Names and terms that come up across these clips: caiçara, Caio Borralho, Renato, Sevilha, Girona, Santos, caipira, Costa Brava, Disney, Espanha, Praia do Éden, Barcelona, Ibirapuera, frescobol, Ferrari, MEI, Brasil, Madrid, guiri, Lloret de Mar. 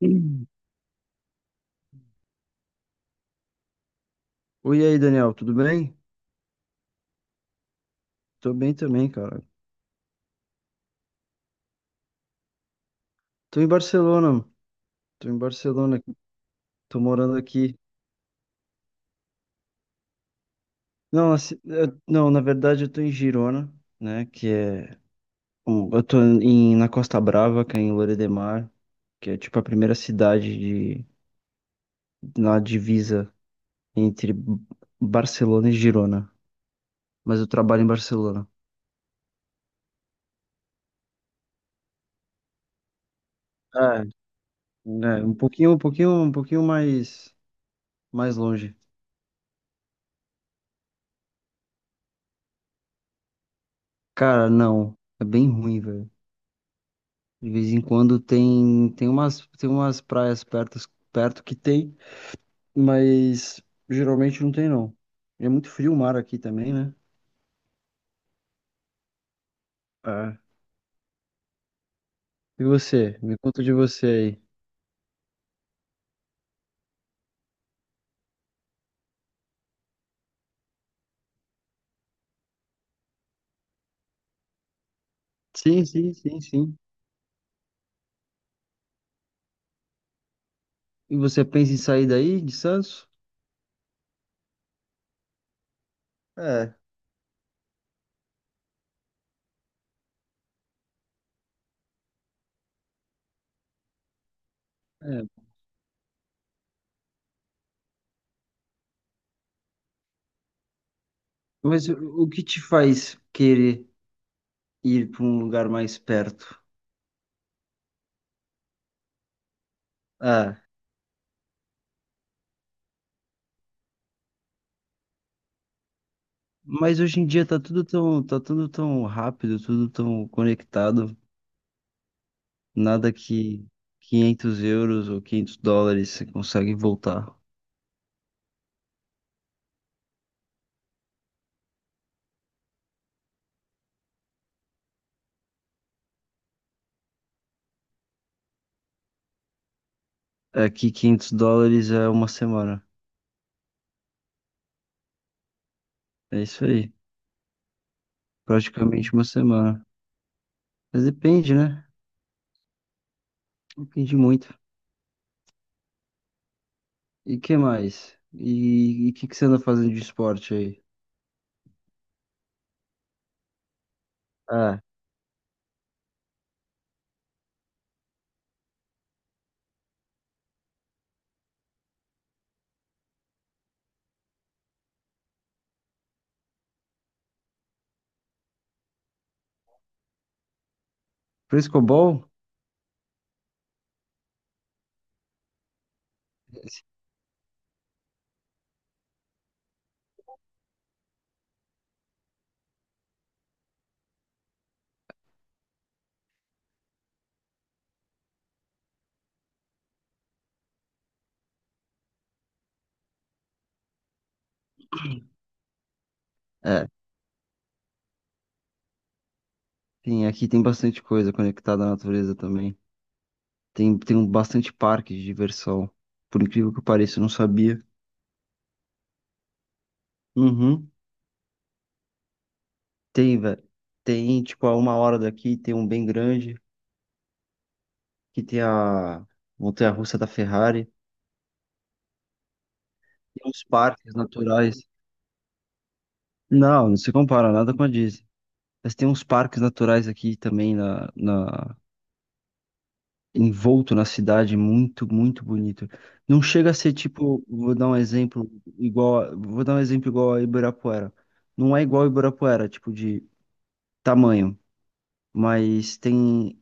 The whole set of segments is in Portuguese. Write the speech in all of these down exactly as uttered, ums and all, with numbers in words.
Hum. Oi, e aí, Daniel, tudo bem? Tô bem também, cara. Tô em Barcelona, tô em Barcelona, tô morando aqui. Não, assim, eu- não, na verdade eu tô em Girona, né, que é... um- Eu tô em, na Costa Brava, que é em Lloret de Mar, que é tipo a primeira cidade de, na divisa entre B- Barcelona e Girona. Mas eu trabalho em Barcelona. É, né, um pouquinho, um pouquinho, um pouquinho mais, mais longe. Cara, não, é bem ruim, velho. De vez em quando tem, tem umas, tem umas praias perto, perto que tem, mas geralmente não tem não. É muito frio o mar aqui também, né? É. E você? Me conta de você aí. Sim, sim, sim, sim. E você pensa em sair daí, de Santos? É. É. Mas o o que te faz querer ir para um lugar mais perto? É. Mas hoje em dia tá tudo tão, tá tudo tão rápido, tudo tão conectado. Nada que quinhentos euros ou quinhentos dólares você consegue voltar. Aqui quinhentos dólares é uma semana. É isso aí. Praticamente uma semana. Mas depende, né? Depende muito. E que mais? E o que, que você anda fazendo de esporte aí? Ah, frescobol? É, tem, aqui tem bastante coisa conectada à natureza também. Tem, tem um bastante parque de diversão. Por incrível que pareça, eu não sabia. Uhum. Tem, velho. Tem, tipo, a uma hora daqui tem um bem grande, que tem a montanha-russa da Ferrari, tem uns parques naturais. Não, não se compara nada com a Disney. Mas tem uns parques naturais aqui também na, na envolto na cidade, muito, muito bonito. Não chega a ser tipo, vou dar um exemplo igual, a- vou dar um exemplo igual a Ibirapuera. Não é igual a Ibirapuera, tipo de tamanho, mas tem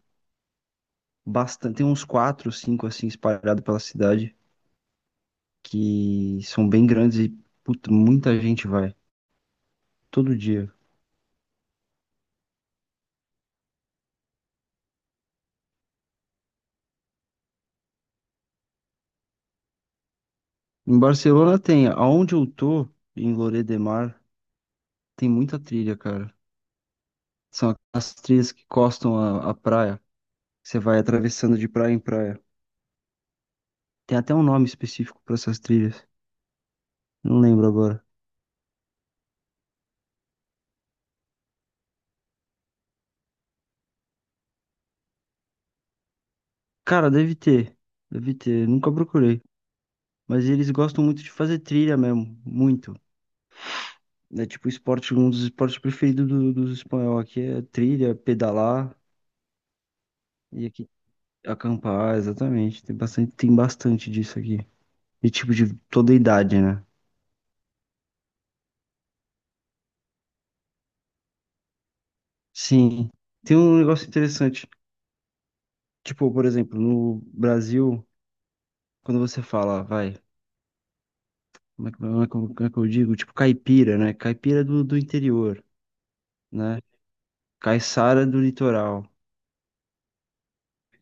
bastante, tem uns quatro, cinco assim espalhados pela cidade que são bem grandes e puta, muita gente vai todo dia. Em Barcelona tem, aonde eu tô, em Lloret de Mar, tem muita trilha, cara. São as trilhas que costam a, a praia. Você vai atravessando de praia em praia. Tem até um nome específico pra essas trilhas. Não lembro agora. Cara, deve ter. Deve ter. Nunca procurei. Mas eles gostam muito de fazer trilha mesmo. Muito. É tipo esporte, um dos esportes preferidos do- dos espanhol aqui é trilha, pedalar e aqui acampar, exatamente. Tem bastante, tem bastante disso aqui. E tipo de toda idade, né? Sim, tem um negócio interessante. Tipo, por exemplo, no Brasil, quando você fala, vai, como é que, como é que- como é que eu digo? Tipo, caipira, né? Caipira do, do interior, né? Caiçara do litoral.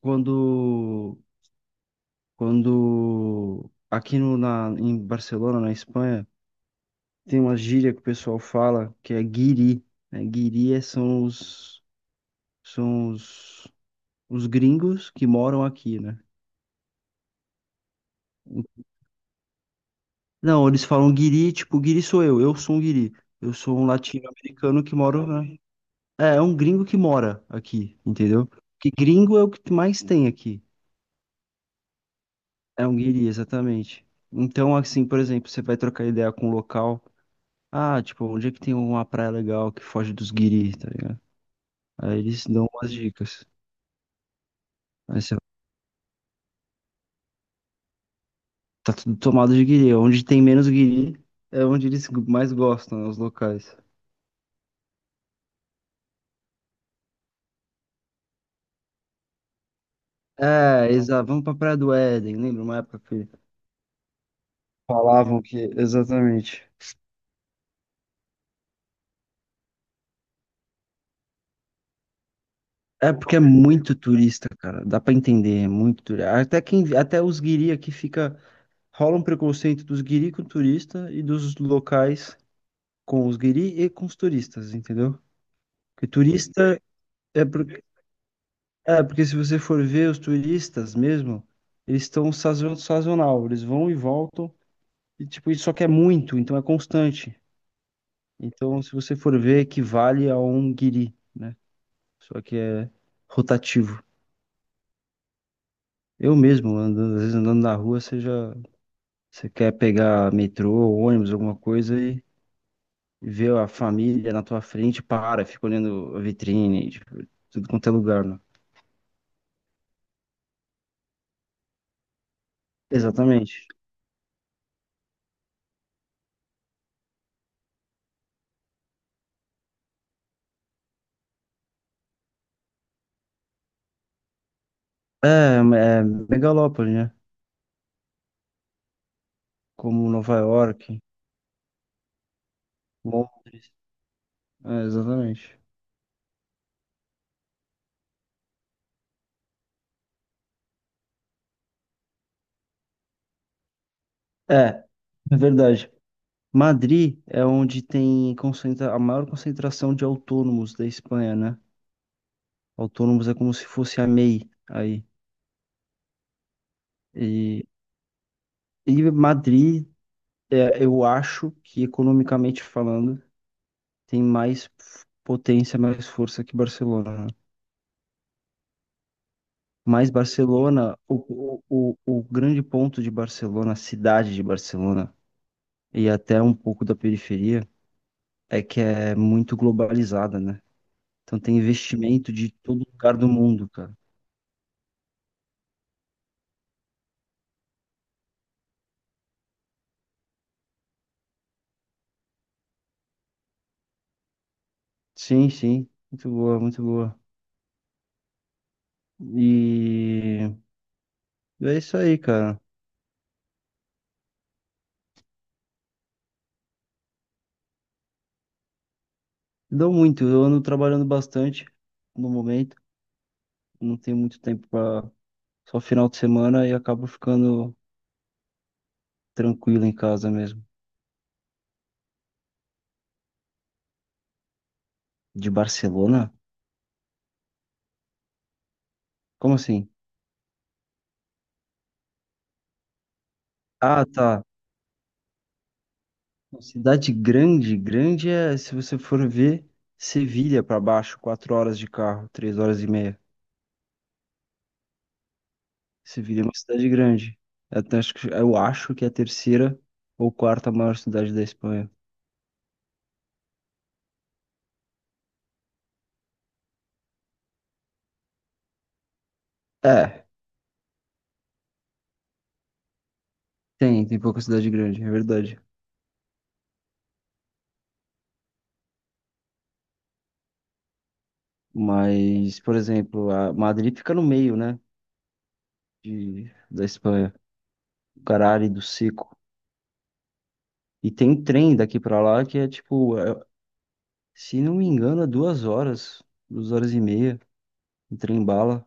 Quando, quando aqui no, na, em Barcelona, na Espanha, tem uma gíria que o pessoal fala que é guiri, né? Guiri é- são os, são os, os gringos que moram aqui, né? Não, eles falam guiri, tipo, guiri sou eu, eu sou um guiri. Eu sou um latino-americano que moro, né? É, é um gringo que mora aqui, entendeu? Porque gringo é o que mais tem aqui. É um guiri, exatamente. Então, assim, por exemplo, você vai trocar ideia com um local. Ah, tipo, onde é que tem uma praia legal que foge dos guiri, tá ligado? Aí eles dão umas dicas. Aí você tá tudo tomado de guiri. Onde tem menos guiri é onde eles mais gostam, né, os locais. É, exato. Vamos pra Praia do Éden. Lembra uma época que falavam que, exatamente. É porque é muito turista, cara. Dá pra entender, é muito turista. Até quem, até os guiri aqui fica, rola um preconceito dos guiri com turista e dos locais com os guiri e com os turistas, entendeu? Porque turista é porque, é porque se você for ver os turistas mesmo, eles estão sazon- sazonal, eles vão e voltam e tipo, isso só que é muito, então é constante. Então, se você for ver, equivale a um guiri, né? Só que é rotativo. Eu mesmo, andando, às vezes andando na rua, você já, você quer pegar metrô, ônibus, alguma coisa e vê a família na tua frente, para, fica olhando a vitrine, tipo, tudo quanto é lugar, né? Exatamente. É, é megalópole, né? Como Nova York, Londres. É, exatamente. É, é verdade. Madrid é onde tem concentra a maior concentração de autônomos da Espanha, né? Autônomos é como se fosse a MEI aí. E, e Madrid é, eu acho que, economicamente falando, tem mais potência, mais força que Barcelona, né? Mas Barcelona, o, o, o, o grande ponto de Barcelona, a cidade de Barcelona, e até um pouco da periferia, é que é muito globalizada, né? Então tem investimento de todo lugar do mundo, cara. Sim, sim. Muito boa, muito boa. E é isso aí, cara. Dou muito. Eu ando trabalhando bastante no momento. Não tenho muito tempo. Só final de semana e acabo ficando tranquilo em casa mesmo. De Barcelona? Como assim? Ah, tá. Cidade grande, grande é, se você for ver, Sevilha pra baixo, quatro horas de carro, três horas e meia. Sevilha é uma cidade grande. Eu até acho que, eu acho que é a terceira ou quarta maior cidade da Espanha. É, tem, tem pouca cidade grande, é verdade. Mas, por exemplo, a Madrid fica no meio, né, de, da Espanha. Caralho do Seco. E tem trem daqui pra lá que é tipo, é- se não me engano, é duas horas, duas horas e meia, um trem bala.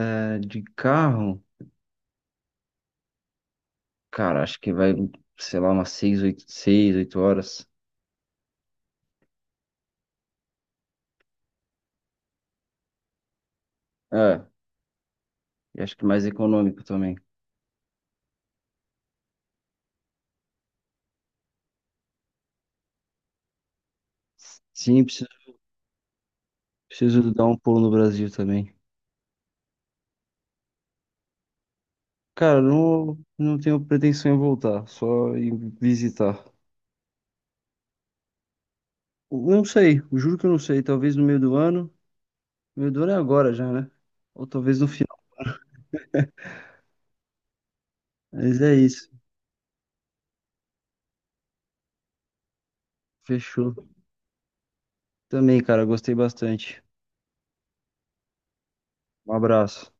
É, de carro, cara, acho que vai, sei lá, umas seis, oito, seis, oito horas. É, e acho que mais econômico também. Sim, preciso, preciso dar um pulo no Brasil também. Cara, não, não tenho pretensão em voltar, só em visitar. Não sei, juro que eu não sei. Talvez no meio do ano. No meio do ano é agora já, né? Ou talvez no final. Mas é isso. Fechou. Também, cara, gostei bastante. Um abraço.